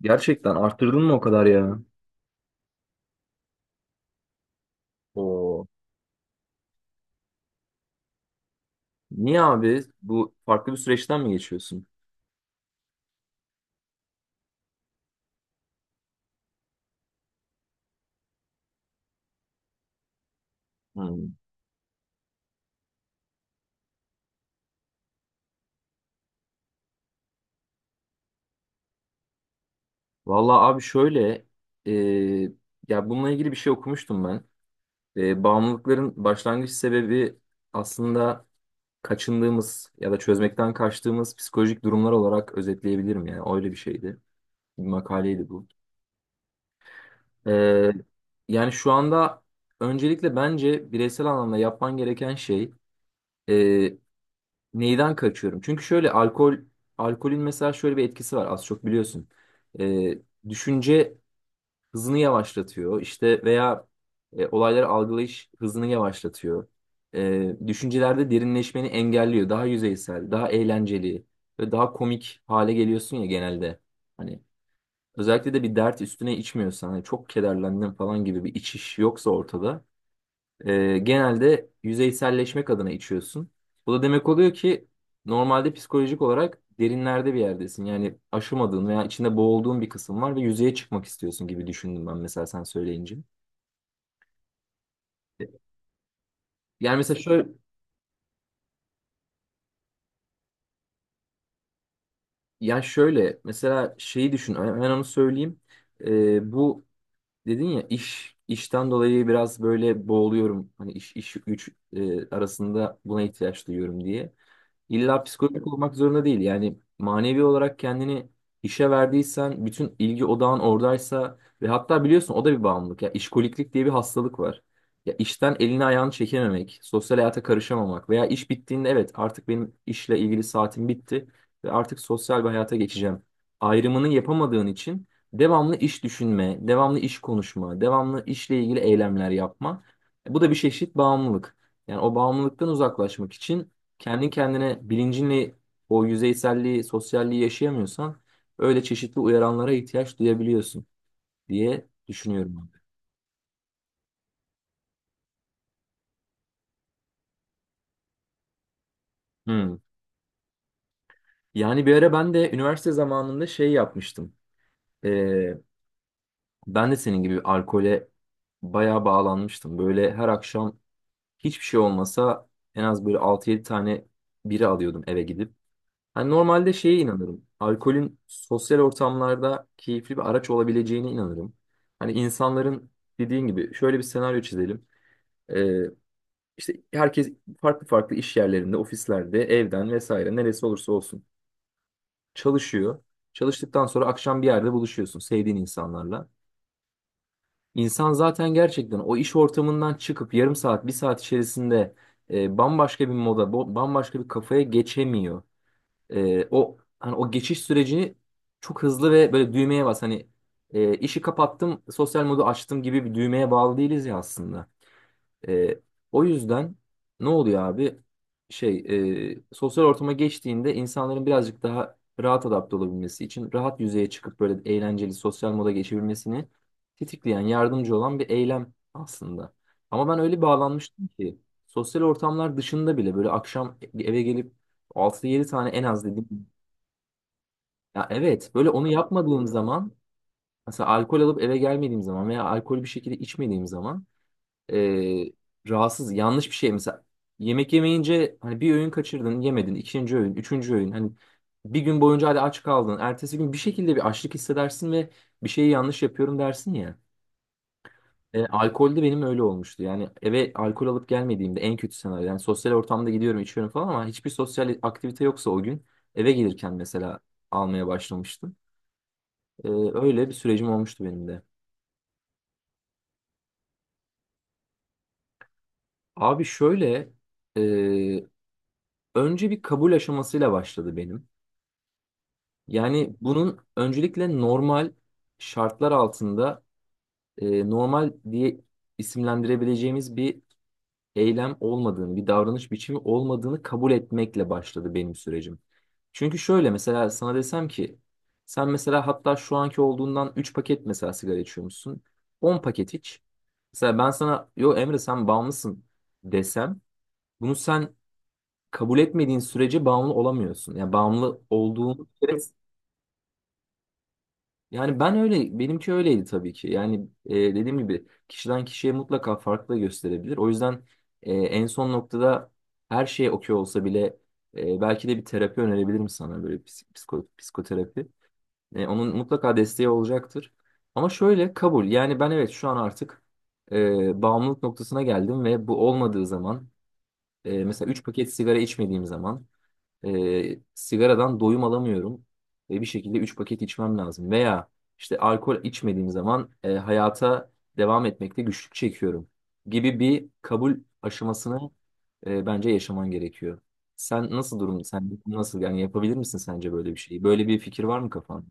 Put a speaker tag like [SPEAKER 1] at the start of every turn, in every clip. [SPEAKER 1] Gerçekten arttırdın mı o kadar ya? Oo. Niye abi? Bu farklı bir süreçten mi geçiyorsun? Hmm. Vallahi abi şöyle, e, ya bununla ilgili bir şey okumuştum ben. Bağımlılıkların başlangıç sebebi aslında kaçındığımız ya da çözmekten kaçtığımız psikolojik durumlar olarak özetleyebilirim yani. Öyle bir şeydi. Bir makaleydi bu. E, Yani şu anda öncelikle bence bireysel anlamda yapman gereken şey. e, Neyden kaçıyorum? Çünkü şöyle alkolün mesela şöyle bir etkisi var, az çok biliyorsun. Ee, Düşünce hızını yavaşlatıyor işte, veya olayları algılayış hızını yavaşlatıyor. Düşüncelerde derinleşmeni engelliyor. Daha yüzeysel, daha eğlenceli ve daha komik hale geliyorsun ya genelde. Hani özellikle de bir dert üstüne içmiyorsan, hani çok kederlendim falan gibi bir içiş yoksa ortada, genelde yüzeyselleşmek adına içiyorsun. Bu da demek oluyor ki normalde psikolojik olarak derinlerde bir yerdesin. Yani aşamadığın veya içinde boğulduğun bir kısım var ve yüzeye çıkmak istiyorsun gibi düşündüm ben mesela, sen söyleyince. Yani mesela şöyle, Ya şöyle mesela şeyi düşün, hemen onu söyleyeyim. Bu dedin ya, iş işten dolayı biraz böyle boğuluyorum. Hani iş güç arasında buna ihtiyaç duyuyorum diye. İlla psikolojik olmak zorunda değil. Yani manevi olarak kendini işe verdiysen, bütün ilgi odağın oradaysa ve hatta biliyorsun o da bir bağımlılık. Ya işkoliklik diye bir hastalık var. Ya işten elini ayağını çekememek, sosyal hayata karışamamak veya iş bittiğinde evet artık benim işle ilgili saatim bitti ve artık sosyal bir hayata geçeceğim. Ayrımını yapamadığın için devamlı iş düşünme, devamlı iş konuşma, devamlı işle ilgili eylemler yapma. Bu da bir çeşit bağımlılık. Yani o bağımlılıktan uzaklaşmak için kendi kendine bilincinle o yüzeyselliği, sosyalliği yaşayamıyorsan öyle çeşitli uyaranlara ihtiyaç duyabiliyorsun diye düşünüyorum abi. Hmm. Yani bir ara ben de üniversite zamanında şey yapmıştım. Ee, Ben de senin gibi alkole bayağı bağlanmıştım. Böyle her akşam hiçbir şey olmasa en az böyle altı yedi tane biri alıyordum, eve gidip. Hani normalde şeye inanırım. Alkolün sosyal ortamlarda keyifli bir araç olabileceğine inanırım. Hani insanların dediğin gibi şöyle bir senaryo çizelim. Ee, işte herkes farklı farklı iş yerlerinde, ofislerde, evden vesaire neresi olursa olsun çalışıyor. Çalıştıktan sonra akşam bir yerde buluşuyorsun sevdiğin insanlarla. İnsan zaten gerçekten o iş ortamından çıkıp yarım saat, bir saat içerisinde bambaşka bir moda, bambaşka bir kafaya geçemiyor. O hani o geçiş sürecini çok hızlı, ve böyle düğmeye bas hani işi kapattım sosyal modu açtım gibi bir düğmeye bağlı değiliz ya aslında. E, O yüzden ne oluyor abi? Şey, sosyal ortama geçtiğinde insanların birazcık daha rahat adapte olabilmesi için, rahat yüzeye çıkıp böyle eğlenceli sosyal moda geçebilmesini tetikleyen yardımcı olan bir eylem aslında. Ama ben öyle bağlanmıştım ki sosyal ortamlar dışında bile böyle akşam eve gelip altı yedi tane en az dedim ya, evet, böyle onu yapmadığım zaman, mesela alkol alıp eve gelmediğim zaman veya alkolü bir şekilde içmediğim zaman eee, rahatsız, yanlış bir şey. Mesela yemek yemeyince, hani bir öğün kaçırdın yemedin, ikinci öğün üçüncü öğün, hani bir gün boyunca hadi aç kaldın, ertesi gün bir şekilde bir açlık hissedersin ve bir şeyi yanlış yapıyorum dersin ya. Alkolde benim öyle olmuştu. Yani eve alkol alıp gelmediğimde en kötü senaryo, yani sosyal ortamda gidiyorum içiyorum falan, ama hiçbir sosyal aktivite yoksa o gün eve gelirken mesela almaya başlamıştım. Öyle bir sürecim olmuştu benim de. Abi şöyle, e, önce bir kabul aşamasıyla başladı benim. Yani bunun öncelikle normal şartlar altında, normal diye isimlendirebileceğimiz bir eylem olmadığını, bir davranış biçimi olmadığını kabul etmekle başladı benim sürecim. Çünkü şöyle, mesela sana desem ki sen mesela hatta şu anki olduğundan 3 paket mesela sigara içiyormuşsun, 10 paket iç. Mesela ben sana yo Emre sen bağımlısın desem, bunu sen kabul etmediğin sürece bağımlı olamıyorsun. Yani bağımlı olduğun bir kere. Yani ben öyle, benimki öyleydi tabii ki. Yani dediğim gibi kişiden kişiye mutlaka farklı da gösterebilir. O yüzden en son noktada her şey okey olsa bile belki de bir terapi önerebilirim sana, böyle psikoterapi. Onun mutlaka desteği olacaktır. Ama şöyle kabul. Yani ben evet şu an artık bağımlılık noktasına geldim ve bu olmadığı zaman, mesela 3 paket sigara içmediğim zaman, sigaradan doyum alamıyorum ve bir şekilde 3 paket içmem lazım. Veya işte alkol içmediğim zaman, hayata devam etmekte güçlük çekiyorum gibi bir kabul aşamasını bence yaşaman gerekiyor. Sen nasıl durum? Sen nasıl yani yapabilir misin sence böyle bir şeyi? Böyle bir fikir var mı kafanda?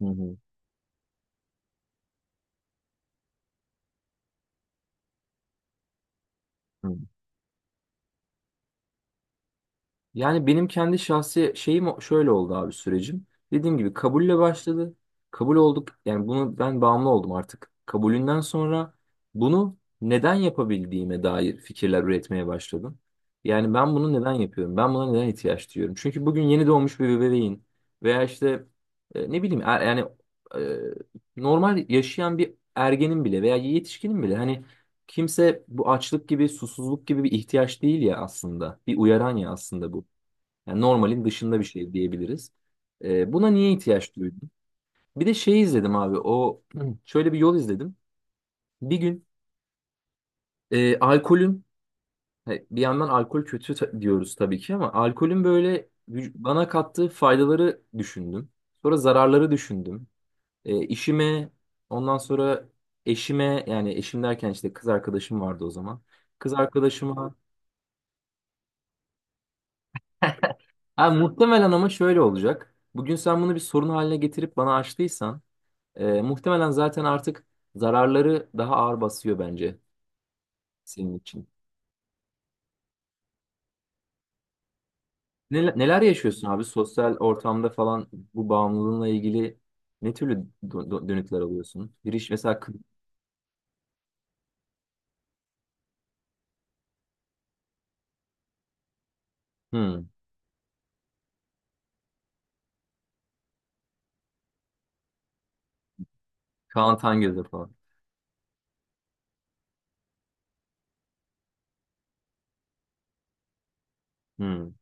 [SPEAKER 1] Hı hı. Hı. Yani benim kendi şahsi şeyim şöyle oldu abi sürecim. Dediğim gibi kabulle başladı. Kabul olduk. Yani bunu ben bağımlı oldum artık. Kabulünden sonra bunu neden yapabildiğime dair fikirler üretmeye başladım. Yani ben bunu neden yapıyorum? Ben buna neden ihtiyaç duyuyorum? Çünkü bugün yeni doğmuş bir bebeğin veya işte ne bileyim yani e, normal yaşayan bir ergenin bile veya yetişkinin bile, hani kimse, bu açlık gibi susuzluk gibi bir ihtiyaç değil ya aslında. Bir uyaran ya aslında bu. Yani normalin dışında bir şey diyebiliriz. Buna niye ihtiyaç duydum? Bir de şey izledim abi. O şöyle bir yol izledim. Bir gün alkolün, he, bir yandan alkol kötü diyoruz tabii ki, ama alkolün böyle bana kattığı faydaları düşündüm. Sonra zararları düşündüm. İşime ondan sonra eşime, yani eşim derken işte kız arkadaşım vardı o zaman. Kız arkadaşıma ha, muhtemelen ama şöyle olacak. Bugün sen bunu bir sorun haline getirip bana açtıysan, muhtemelen zaten artık zararları daha ağır basıyor bence senin için. Neler, neler yaşıyorsun abi sosyal ortamda falan, bu bağımlılığınla ilgili ne türlü dönütler alıyorsun? Bir iş mesela hmm, Kaan Tangöz'e falan. Hmm.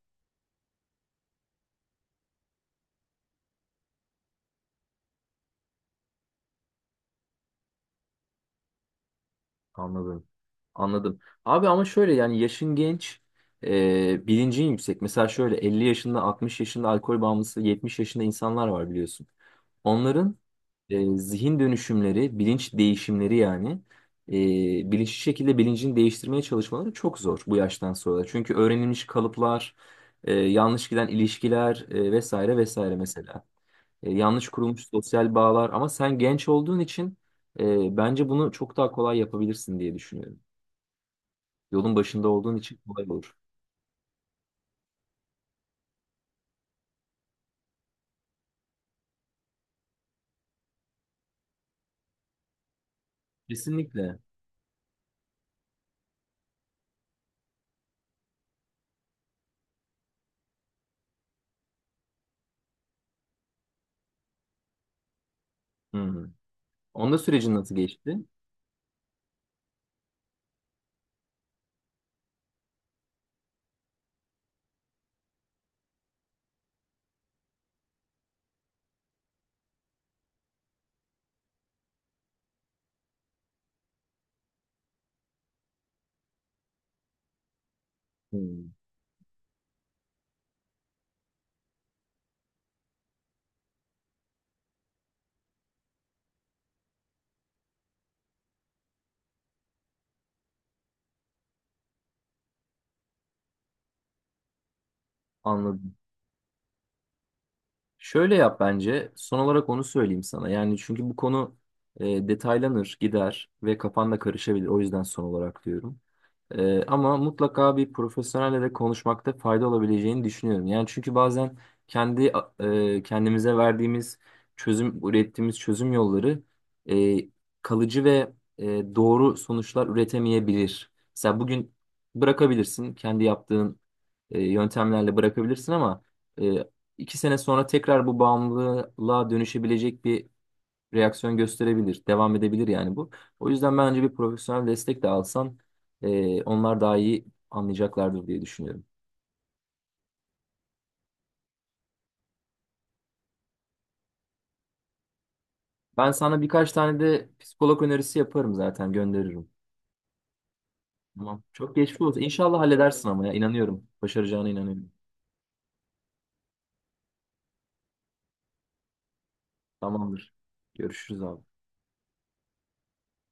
[SPEAKER 1] Anladım. Anladım. Abi ama şöyle yani yaşın genç, bilincin yüksek. Mesela şöyle 50 yaşında, 60 yaşında alkol bağımlısı, 70 yaşında insanlar var biliyorsun. Onların zihin dönüşümleri, bilinç değişimleri, yani e, bilinçli şekilde bilincini değiştirmeye çalışmaları çok zor bu yaştan sonra. Çünkü öğrenilmiş kalıplar, yanlış giden ilişkiler, vesaire vesaire mesela. Yanlış kurulmuş sosyal bağlar, ama sen genç olduğun için bence bunu çok daha kolay yapabilirsin diye düşünüyorum. Yolun başında olduğun için kolay olur. Kesinlikle. Hı-hı. Onda sürecin nasıl geçti? Hı. Anladım. Şöyle yap bence. Son olarak onu söyleyeyim sana. Yani çünkü bu konu detaylanır, gider ve kafan da karışabilir. O yüzden son olarak diyorum. Ama mutlaka bir profesyonelle de konuşmakta fayda olabileceğini düşünüyorum. Yani çünkü bazen kendi, kendimize verdiğimiz çözüm, ürettiğimiz çözüm yolları e, kalıcı ve doğru sonuçlar üretemeyebilir. Mesela bugün bırakabilirsin, kendi yaptığın yöntemlerle bırakabilirsin, ama e, 2 sene sonra tekrar bu bağımlılığa dönüşebilecek bir reaksiyon gösterebilir, devam edebilir yani bu. O yüzden bence bir profesyonel destek de alsan onlar daha iyi anlayacaklardır diye düşünüyorum. Ben sana birkaç tane de psikolog önerisi yaparım zaten gönderirim. Tamam. Çok geçmiş olsun. İnşallah halledersin ama ya inanıyorum. Başaracağına inanıyorum. Tamamdır. Görüşürüz abi.